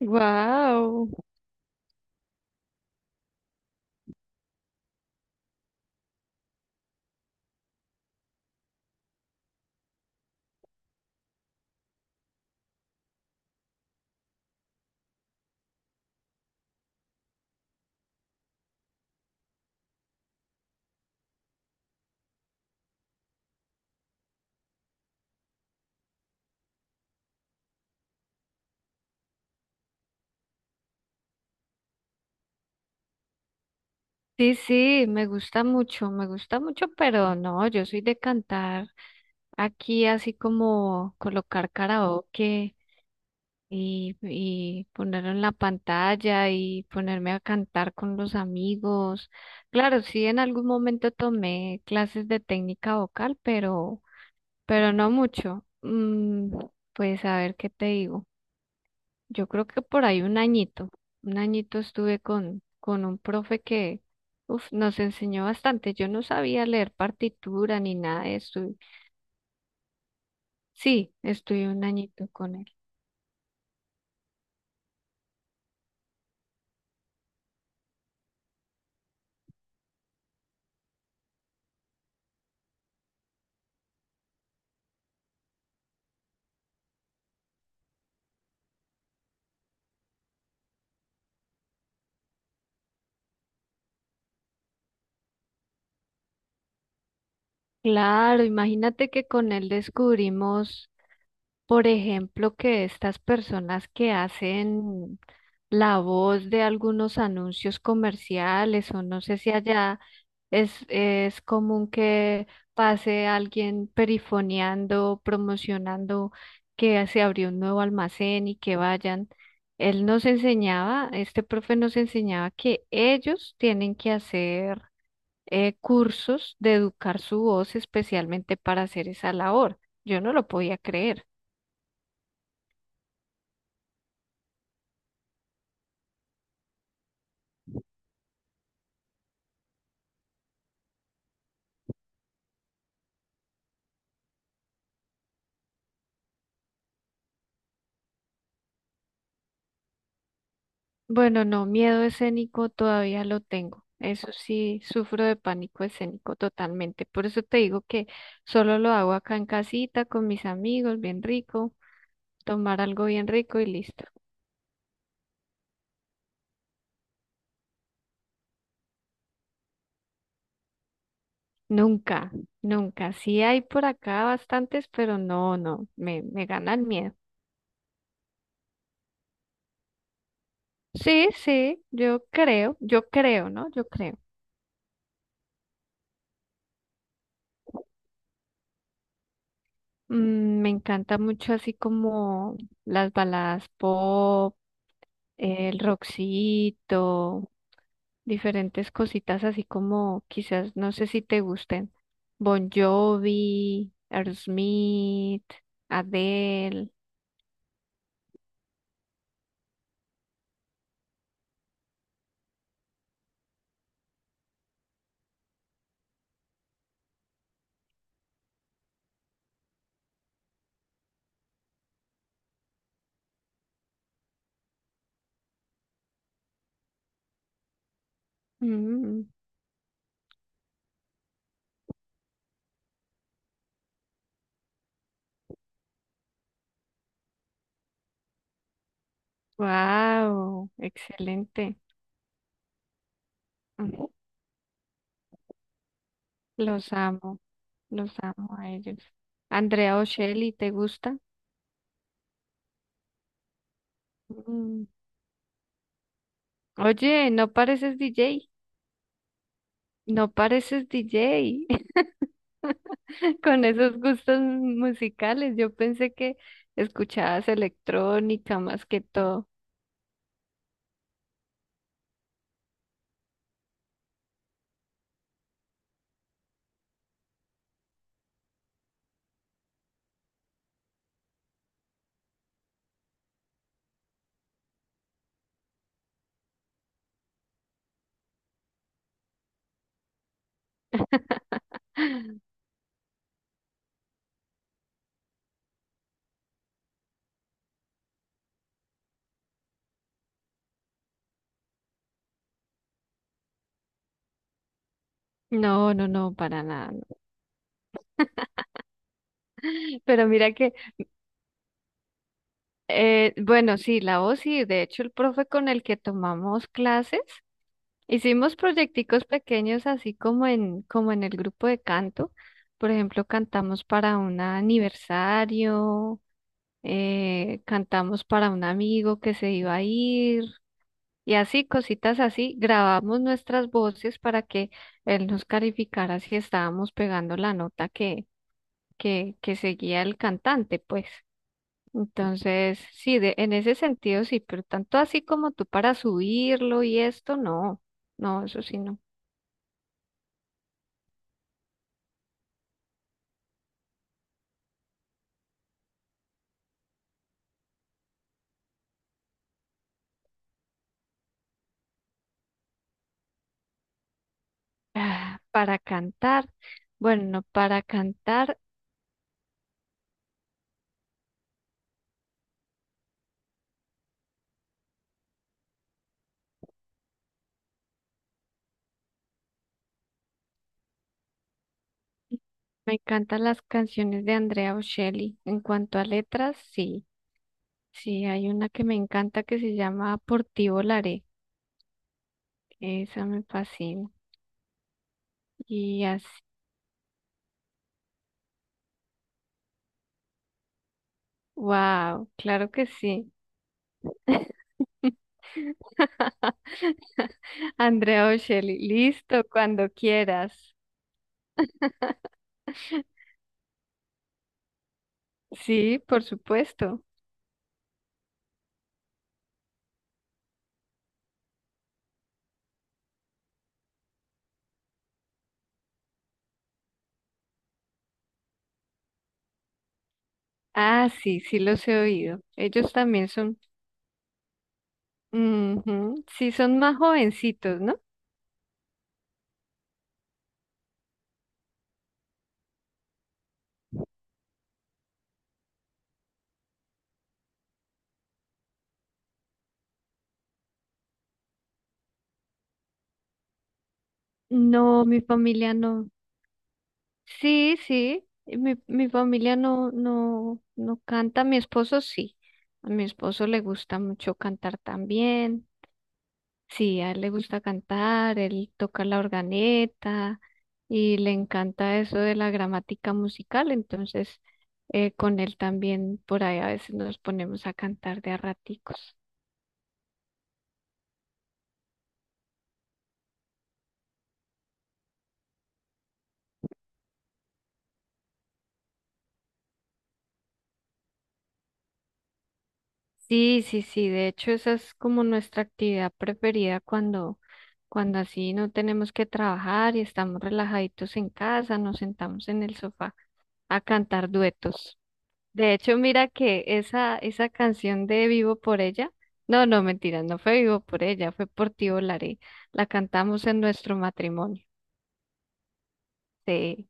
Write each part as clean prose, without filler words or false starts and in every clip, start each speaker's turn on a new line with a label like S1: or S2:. S1: Wow. Sí, sí, me gusta mucho, pero no, yo soy de cantar aquí así como colocar karaoke y, ponerlo en la pantalla y ponerme a cantar con los amigos. Claro, sí, en algún momento tomé clases de técnica vocal, pero no mucho. Pues a ver qué te digo. Yo creo que por ahí un añito estuve con un profe que uf, nos enseñó bastante. Yo no sabía leer partitura ni nada de eso. Y sí, estuve un añito con él. Claro, imagínate que con él descubrimos, por ejemplo, que estas personas que hacen la voz de algunos anuncios comerciales o no sé si allá es común que pase alguien perifoneando, promocionando que se abrió un nuevo almacén y que vayan. Él nos enseñaba, este profe nos enseñaba que ellos tienen que hacer cursos de educar su voz especialmente para hacer esa labor. Yo no lo podía creer. Bueno, no, miedo escénico todavía lo tengo. Eso sí, sufro de pánico escénico totalmente. Por eso te digo que solo lo hago acá en casita con mis amigos, bien rico, tomar algo bien rico y listo. Nunca, nunca. Sí hay por acá bastantes, pero no, no, me gana el miedo. Sí, sí, yo creo, ¿no? Yo creo. Mm, me encanta mucho así como las baladas pop, el rockcito, diferentes cositas así como quizás, no sé si te gusten, Bon Jovi, Aerosmith, Adele. Wow, excelente. Ujú, los amo. Los amo a ellos. Andrea Ocelli, ¿te gusta? Mm. Oye, no pareces DJ. No pareces DJ con esos gustos musicales. Yo pensé que escuchabas electrónica más que todo. No, no, no, para nada. No. Pero mira que, bueno, sí, la voz, sí, de hecho el profe con el que tomamos clases hicimos proyecticos pequeños así como en, como en el grupo de canto. Por ejemplo, cantamos para un aniversario, cantamos para un amigo que se iba a ir y así, cositas así. Grabamos nuestras voces para que él nos calificara si estábamos pegando la nota que, que seguía el cantante, pues. Entonces, sí, de, en ese sentido sí, pero tanto así como tú para subirlo y esto, no, no, eso sí no. Ah, para cantar, bueno, para cantar me encantan las canciones de Andrea Bocelli. En cuanto a letras, sí, sí, hay una que me encanta que se llama Por ti volaré. Esa me fascina. Y así, wow, claro que sí. Andrea Bocelli, listo, cuando quieras. Sí, por supuesto. Ah, sí, sí los he oído. Ellos también son, ujú, sí, son más jovencitos, ¿no? No, mi familia no. Sí, sí, y mi familia no, no, no canta, mi esposo sí, a mi esposo le gusta mucho cantar también, sí, a él le gusta cantar, él toca la organeta y le encanta eso de la gramática musical, entonces con él también por ahí a veces nos ponemos a cantar de a raticos. Sí, sí, sí, de hecho esa es como nuestra actividad preferida cuando, cuando así no tenemos que trabajar y estamos relajaditos en casa, nos sentamos en el sofá a cantar duetos. De hecho, mira que esa canción de Vivo por ella, no, no, mentira, no fue Vivo por ella, fue Por ti volaré, la cantamos en nuestro matrimonio. Sí,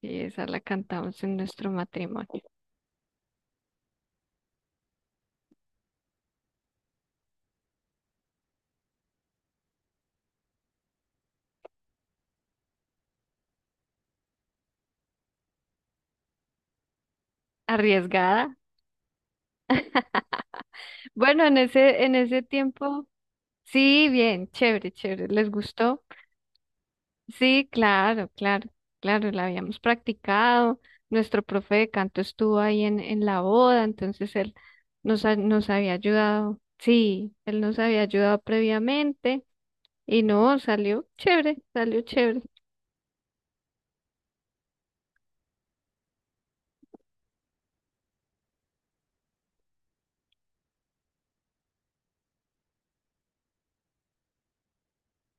S1: sí, esa la cantamos en nuestro matrimonio. Arriesgada. Bueno, en ese tiempo. Sí, bien, chévere, chévere. ¿Les gustó? Sí, claro, claro, claro, la habíamos practicado. Nuestro profe de canto estuvo ahí en la boda, entonces él nos había ayudado. Sí, él nos había ayudado previamente y no, salió chévere, salió chévere.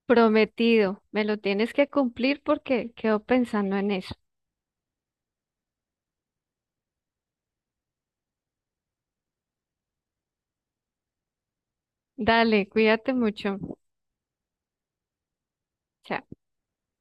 S1: Prometido, me lo tienes que cumplir porque quedo pensando en eso. Dale, cuídate mucho. Chao.